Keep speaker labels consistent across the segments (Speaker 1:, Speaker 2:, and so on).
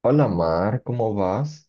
Speaker 1: Hola Mar, ¿cómo vas?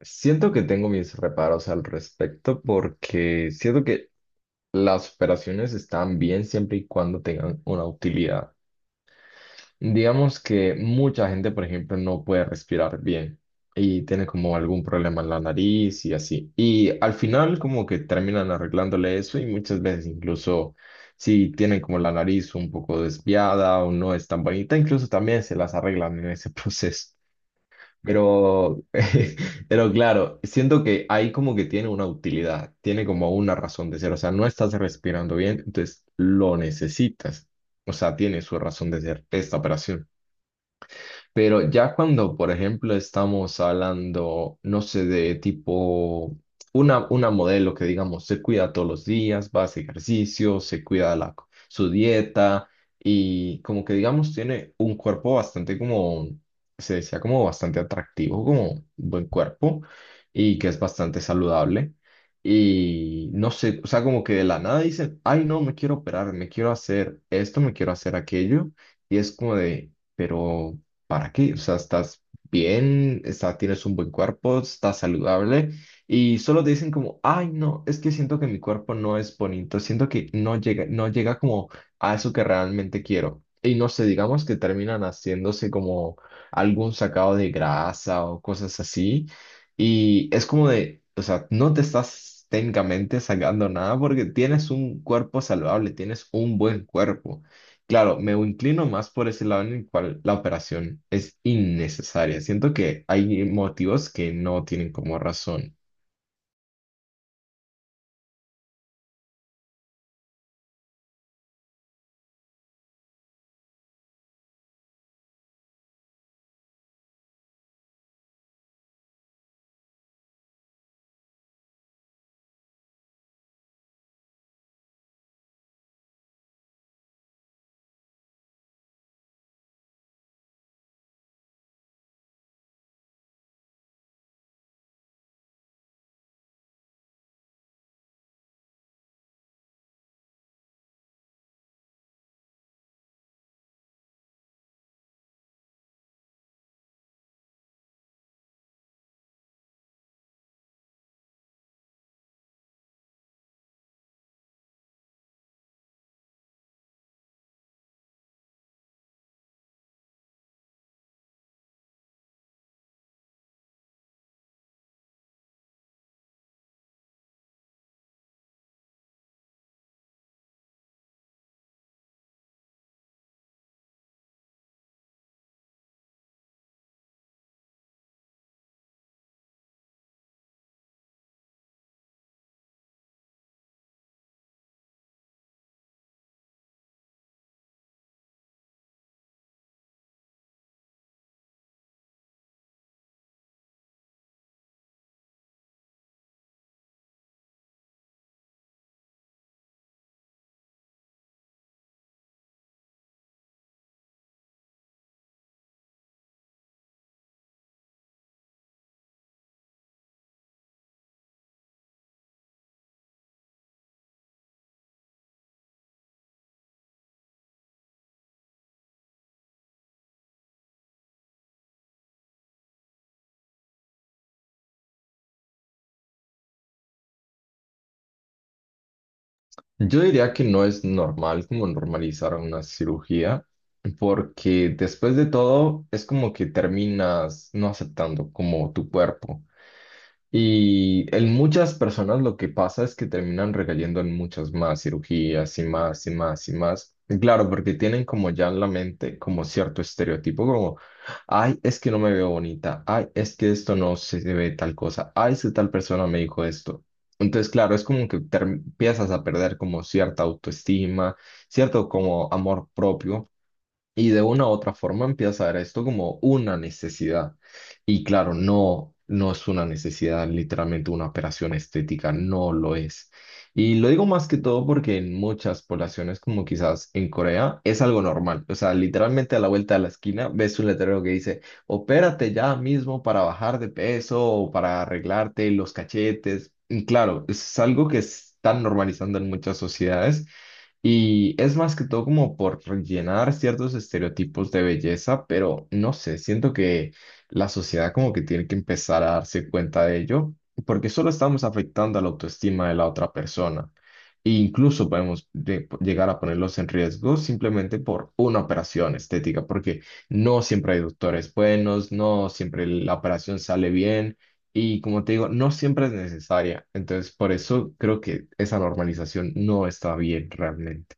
Speaker 1: Siento que tengo mis reparos al respecto porque siento que las operaciones están bien siempre y cuando tengan una utilidad. Digamos que mucha gente, por ejemplo, no puede respirar bien y tiene como algún problema en la nariz y así. Y al final como que terminan arreglándole eso y muchas veces incluso si tienen como la nariz un poco desviada o no es tan bonita, incluso también se las arreglan en ese proceso. Pero, pero claro, siento que ahí como que tiene una utilidad, tiene como una razón de ser. O sea, no estás respirando bien, entonces lo necesitas. O sea, tiene su razón de ser esta operación. Pero ya cuando, por ejemplo, estamos hablando, no sé, de tipo una modelo que digamos se cuida todos los días, va a hacer ejercicio, se cuida la, su dieta y como que digamos tiene un cuerpo bastante como, se decía como bastante atractivo, como buen cuerpo y que es bastante saludable. Y no sé, o sea, como que de la nada dicen, ay, no, me quiero operar, me quiero hacer esto, me quiero hacer aquello. Y es como de, pero ¿para qué? O sea, estás bien, tienes un buen cuerpo, estás saludable y solo te dicen como, ay, no, es que siento que mi cuerpo no es bonito, siento que no llega como a eso que realmente quiero. Y no sé, digamos que terminan haciéndose como algún sacado de grasa o cosas así. Y es como de, o sea, no te estás técnicamente sacando nada porque tienes un cuerpo saludable, tienes un buen cuerpo. Claro, me inclino más por ese lado en el cual la operación es innecesaria. Siento que hay motivos que no tienen como razón. Yo diría que no es normal como normalizar una cirugía, porque después de todo es como que terminas no aceptando como tu cuerpo. Y en muchas personas lo que pasa es que terminan recayendo en muchas más cirugías y más y más y más. Y claro, porque tienen como ya en la mente como cierto estereotipo, como, ay, es que no me veo bonita, ay, es que esto no se ve tal cosa, ay, es que tal persona me dijo esto. Entonces, claro, es como que empiezas a perder como cierta autoestima, cierto como amor propio. Y de una u otra forma empieza a ver esto como una necesidad. Y claro, no, no es una necesidad, literalmente una operación estética, no lo es. Y lo digo más que todo porque en muchas poblaciones, como quizás en Corea, es algo normal. O sea, literalmente a la vuelta de la esquina ves un letrero que dice, opérate ya mismo para bajar de peso o para arreglarte los cachetes. Y claro, es algo que están normalizando en muchas sociedades y es más que todo como por rellenar ciertos estereotipos de belleza, pero no sé, siento que la sociedad como que tiene que empezar a darse cuenta de ello, porque solo estamos afectando a la autoestima de la otra persona. E incluso podemos llegar a ponerlos en riesgo simplemente por una operación estética, porque no siempre hay doctores buenos, no siempre la operación sale bien. Y como te digo, no siempre es necesaria. Entonces, por eso creo que esa normalización no está bien realmente.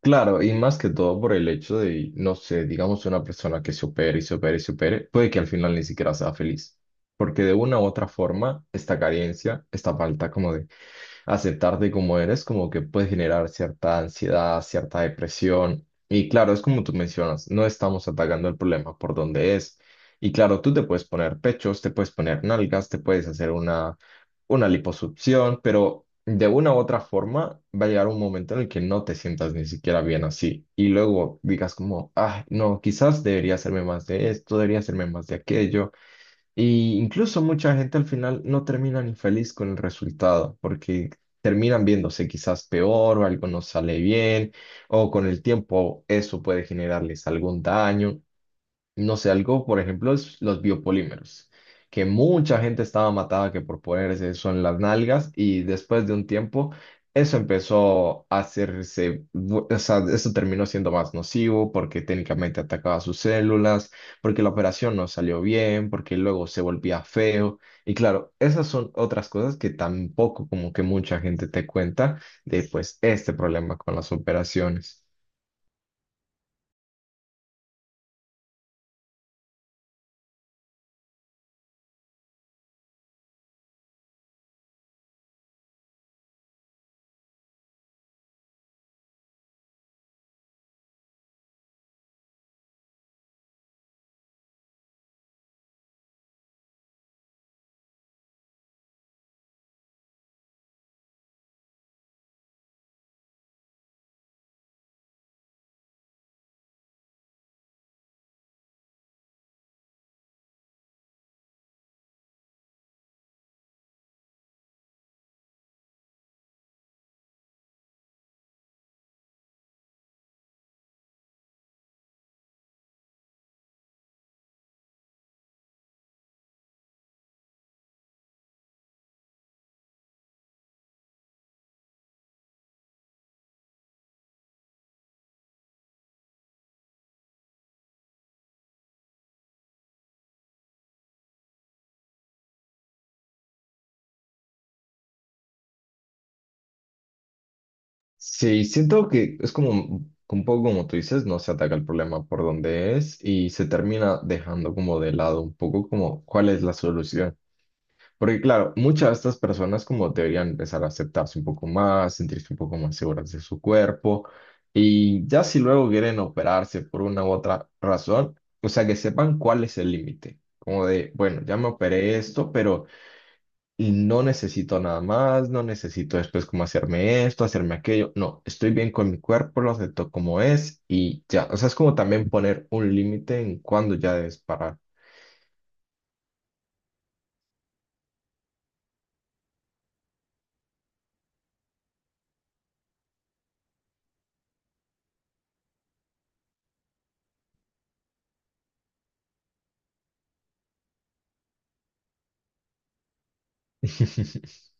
Speaker 1: Claro, y más que todo por el hecho de, no sé, digamos una persona que se opere y se opere y se opere, puede que al final ni siquiera sea feliz. Porque de una u otra forma, esta carencia, esta falta como de aceptarte como eres, como que puede generar cierta ansiedad, cierta depresión. Y claro, es como tú mencionas, no estamos atacando el problema por donde es. Y claro, tú te puedes poner pechos, te puedes poner nalgas, te puedes hacer una liposucción, pero de una u otra forma va a llegar un momento en el que no te sientas ni siquiera bien así. Y luego digas como, ah, no, quizás debería hacerme más de esto, debería hacerme más de aquello. Y incluso mucha gente al final no termina ni feliz con el resultado, porque terminan viéndose quizás peor o algo no sale bien, o con el tiempo eso puede generarles algún daño, no sé, algo, por ejemplo, es los biopolímeros, que mucha gente estaba matada que por ponerse eso en las nalgas y después de un tiempo eso empezó a hacerse, o sea, eso terminó siendo más nocivo porque técnicamente atacaba sus células, porque la operación no salió bien, porque luego se volvía feo. Y claro, esas son otras cosas que tampoco como que mucha gente te cuenta de pues este problema con las operaciones. Sí, siento que es como un poco como tú dices, no se ataca el problema por donde es y se termina dejando como de lado un poco como cuál es la solución. Porque claro, muchas de estas personas como deberían empezar a aceptarse un poco más, sentirse un poco más seguras de su cuerpo y ya si luego quieren operarse por una u otra razón, o sea, que sepan cuál es el límite. Como de, bueno, ya me operé esto, pero y no necesito nada más, no necesito después como hacerme esto, hacerme aquello, no, estoy bien con mi cuerpo, lo acepto como es y ya, o sea, es como también poner un límite en cuándo ya debes parar.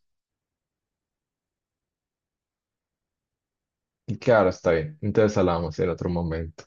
Speaker 1: Y claro, está bien, entonces hablamos en otro momento.